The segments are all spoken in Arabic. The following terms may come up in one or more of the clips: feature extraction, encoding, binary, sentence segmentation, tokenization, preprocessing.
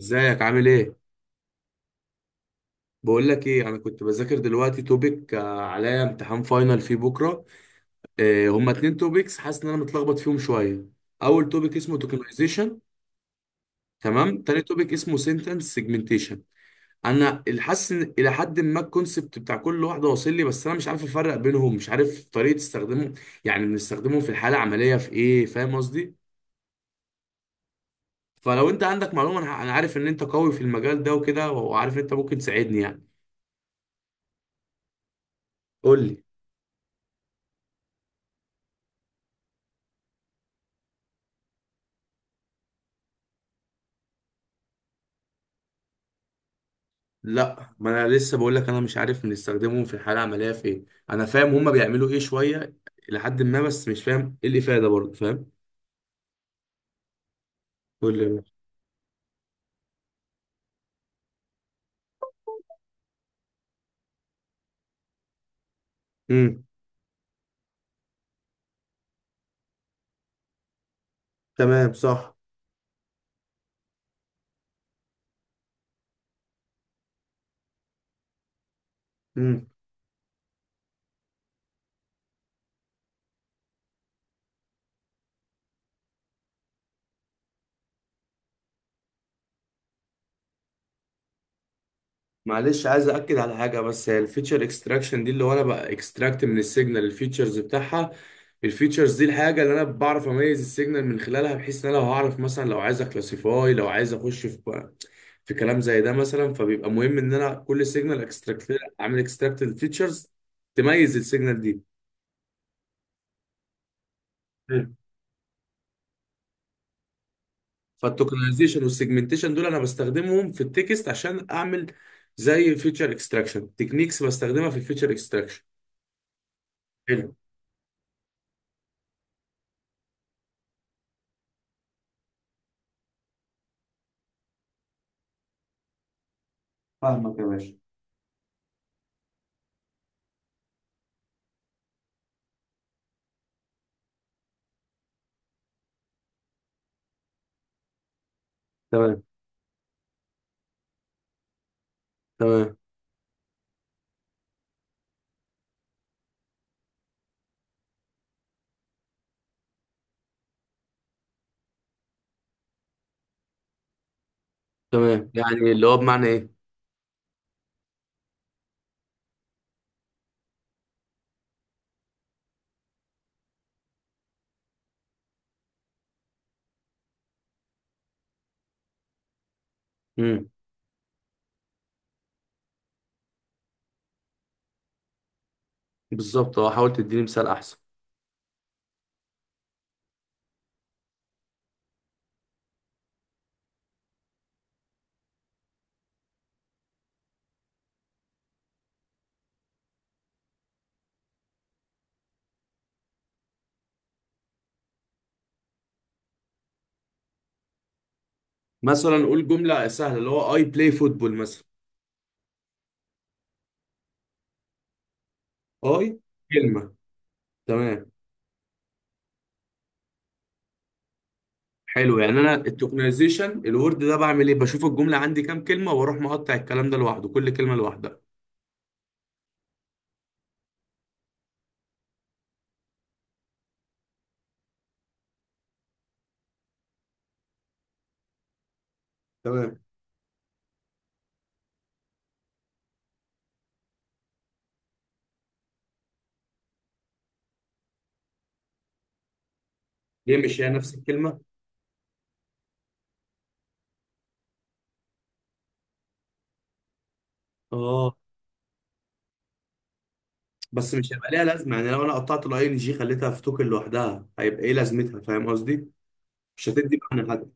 ازيك، عامل ايه؟ بقول لك ايه، انا كنت بذاكر دلوقتي توبيك، عليا امتحان فاينل فيه بكره. هما 2 توبيكس، حاسس ان انا متلخبط فيهم شويه. اول توبيك اسمه توكنايزيشن. تمام، تاني توبيك اسمه سنتنس سيجمنتيشن. انا اللي حاسس ان الى حد ما الكونسبت بتاع كل واحده واصل لي، بس انا مش عارف افرق بينهم، مش عارف طريقه استخدامهم. يعني بنستخدمهم في الحاله العمليه في ايه؟ فاهم قصدي؟ فلو انت عندك معلومه انا، أنا عارف ان انت قوي في المجال ده وكده، وعارف ان انت ممكن تساعدني يعني. قول لي. لا، ما انا لسه بقول لك، انا مش عارف بنستخدمهم في الحاله العمليه في ايه. انا فاهم هما بيعملوا ايه شويه لحد ما، بس مش فاهم ايه الافاده برضه. فاهم؟ قول لي. امم. تمام. صح. معلش عايز اكد على حاجه بس، هي الفيتشر اكستراكشن دي اللي هو انا بقى اكستراكت من السيجنال الفيتشرز بتاعها. الفيتشرز دي الحاجه اللي انا بعرف اميز السيجنال من خلالها، بحيث ان انا لو هعرف مثلا، لو عايز اكلاسيفاي، لو عايز اخش في كلام زي ده مثلا، فبيبقى مهم ان انا كل سيجنال اكستراكت، اعمل اكستراكت الفيتشرز تميز السيجنال دي. حلو. فالتوكنايزيشن والسيجمنتيشن دول انا بستخدمهم في التكست عشان اعمل زي فيتشر اكستراكشن تكنيكس، بستخدمها في الفيتشر اكستراكشن. حلو. فاهمك يا باشا. تمام، تمام، تمام، يعني اللي هو بمعنى ايه؟ امم. بالظبط، اه حاول تديني مثال احسن. مثلا قول جمله سهله اللي هو اي بلاي فوتبول مثلا. اي كلمه. تمام. حلو، يعني انا التوكنايزيشن الورد ده بعمل ايه؟ بشوف الجمله عندي كام كلمه، واروح مقطع الكلام ده لوحده، كل كلمه لوحدها. تمام. ليه؟ مش هي نفس الكلمه؟ اه. بس مش هيبقى ليها لازمه يعني؟ لو انا قطعت الاي ان جي خليتها في توكن لوحدها هيبقى ايه لازمتها؟ فاهم قصدي؟ مش هتدي معنى حتى.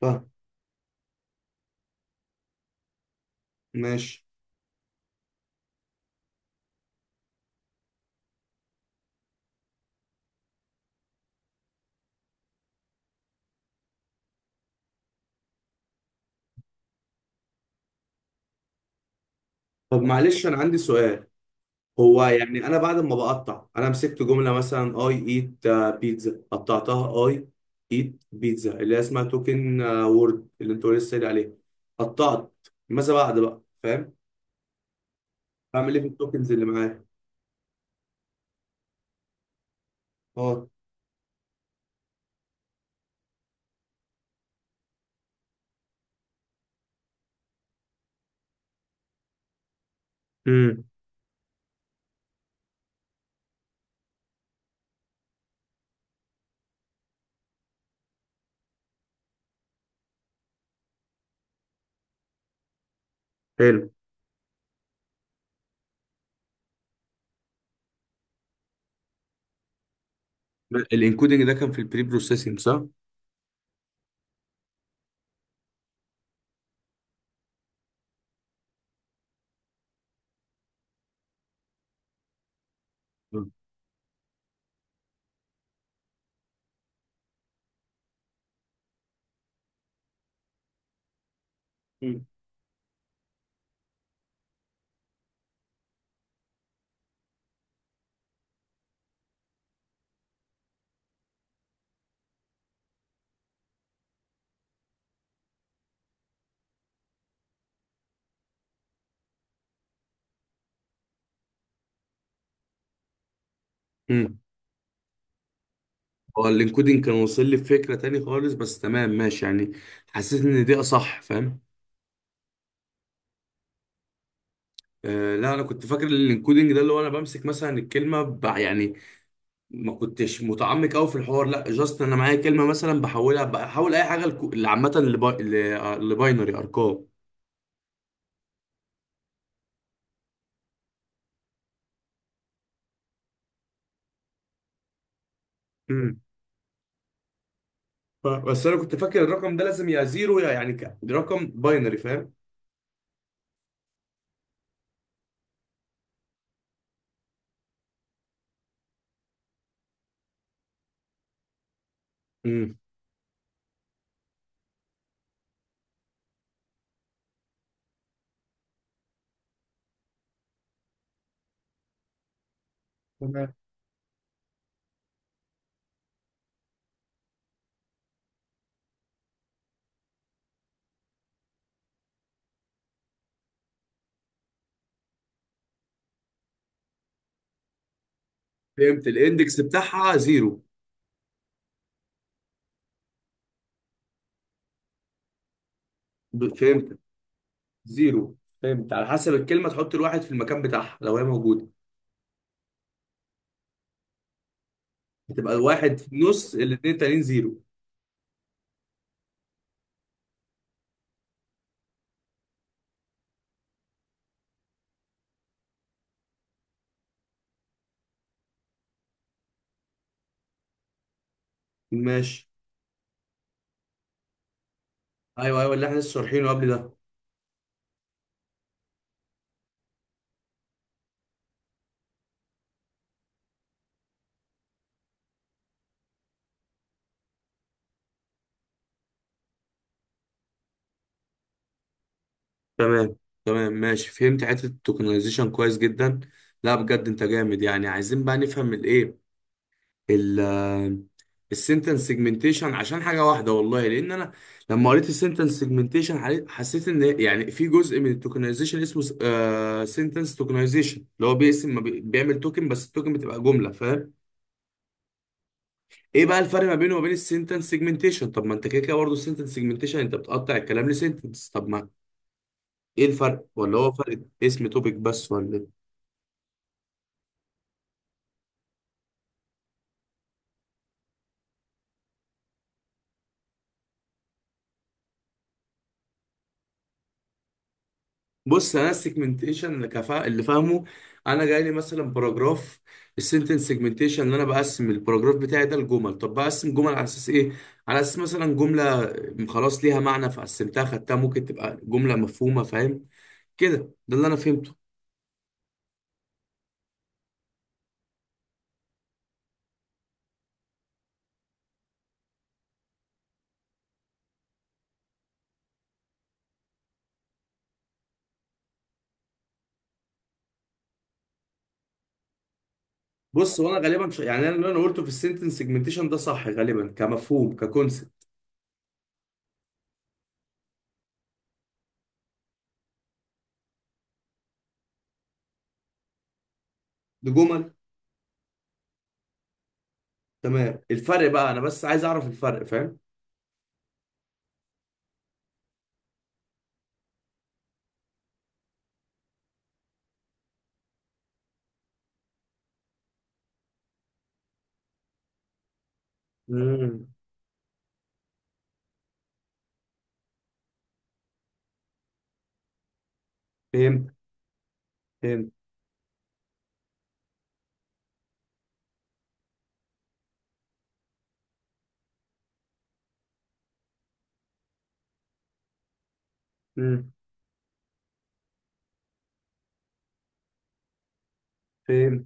فاهم. ماشي. طب معلش انا عندي سؤال. هو يعني انا بعد ما بقطع، انا مسكت جمله مثلا اي ايت بيتزا، قطعتها اي ايت بيتزا اللي هي اسمها توكن وورد اللي انت لسه قايل عليه، قطعت، ماذا بعد بقى؟ فاهم؟ بعمل ايه في التوكنز اللي معايا؟ اه. امم. حلو. الانكودنج ده كان في البري بروسيسنج، صح؟ مم. مم. مم. هو الانكودنج كان واصل لي بفكره تاني خالص، بس تمام ماشي يعني. حسيت ان دي اصح. فاهم؟ آه، لا، انا كنت فاكر الانكودنج ده اللي هو انا بمسك مثلا الكلمه يعني ما كنتش متعمق قوي في الحوار، لا جاست انا معايا كلمه مثلا بحولها، بحول اي حاجه اللي عامه لباينري ارقام. امم. بس انا كنت فاكر الرقم ده لازم يا زيرو يا يعني رقم باينري. فاهم؟ امم. تمام. فهمت، الاندكس بتاعها زيرو. فهمت. زيرو. فهمت، على حسب الكلمه تحط الواحد في المكان بتاعها لو هي موجوده. هتبقى الواحد في النص، الاثنين التانيين زيرو. ماشي. ايوه، ايوه، اللي احنا لسه شارحينه قبل ده. تمام. تمام ماشي، فهمت حته التوكنايزيشن كويس جدا. لا بجد انت جامد، يعني عايزين بقى نفهم الايه، ال السنتنس سيجمنتيشن، عشان حاجه واحده والله، لان انا لما قريت السنتنس سيجمنتيشن حسيت ان يعني في جزء من التوكنايزيشن اسمه سنتنس توكنايزيشن، اللي هو بيقسم ما بيعمل توكن بس التوكن بتبقى جمله، فاهم؟ ايه بقى الفرق ما بينه وما بين السنتنس سيجمنتيشن؟ طب ما انت كده كده برضه السنتنس سيجمنتيشن انت بتقطع الكلام لسنتنس، طب ما ايه الفرق ولا هو فرق اسم توبيك بس ولا إيه؟ بص، انا السيجمنتيشن اللي اللي فاهمه، انا جاي لي مثلا باراجراف، السنتنس سيجمنتيشن اللي انا بقسم الباراجراف بتاعي ده لجمل. طب بقسم جمل على اساس ايه؟ على اساس مثلا جمله خلاص ليها معنى فقسمتها خدتها، ممكن تبقى جمله مفهومه، فاهم كده؟ ده اللي انا فهمته. بص وانا غالبا يعني انا اللي انا قلته في السنتنس سيجمنتيشن ده صح غالبا كمفهوم ككونسبت. لجمل. تمام، الفرق بقى، انا بس عايز اعرف الفرق، فاهم؟ امم. فهمت. فهمت. امم. فهمت.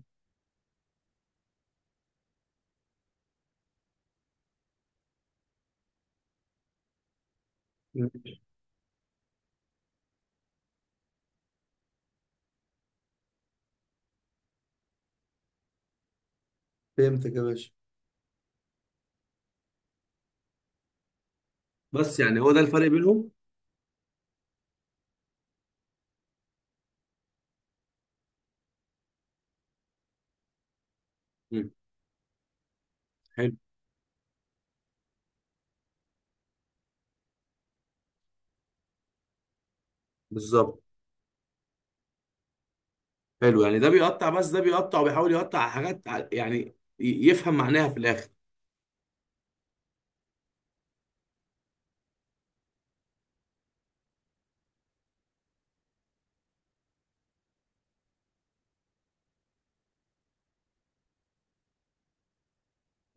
مم. فهمتك يا باشا. بس يعني هو ده الفرق بينهم؟ مم. حلو. بالظبط. حلو يعني ده بيقطع، بس ده بيقطع وبيحاول يقطع على حاجات، يعني يفهم معناها في الاخر.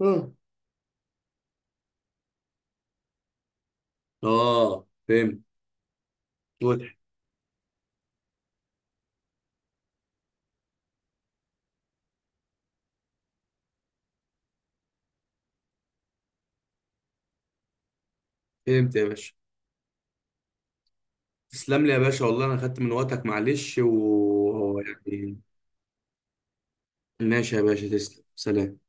اه. اه فهمت. واضح. فهمت يا باشا. تسلم لي يا باشا، والله انا خدت من وقتك معلش ويعني. ماشي يا باشا، تسلم. سلام.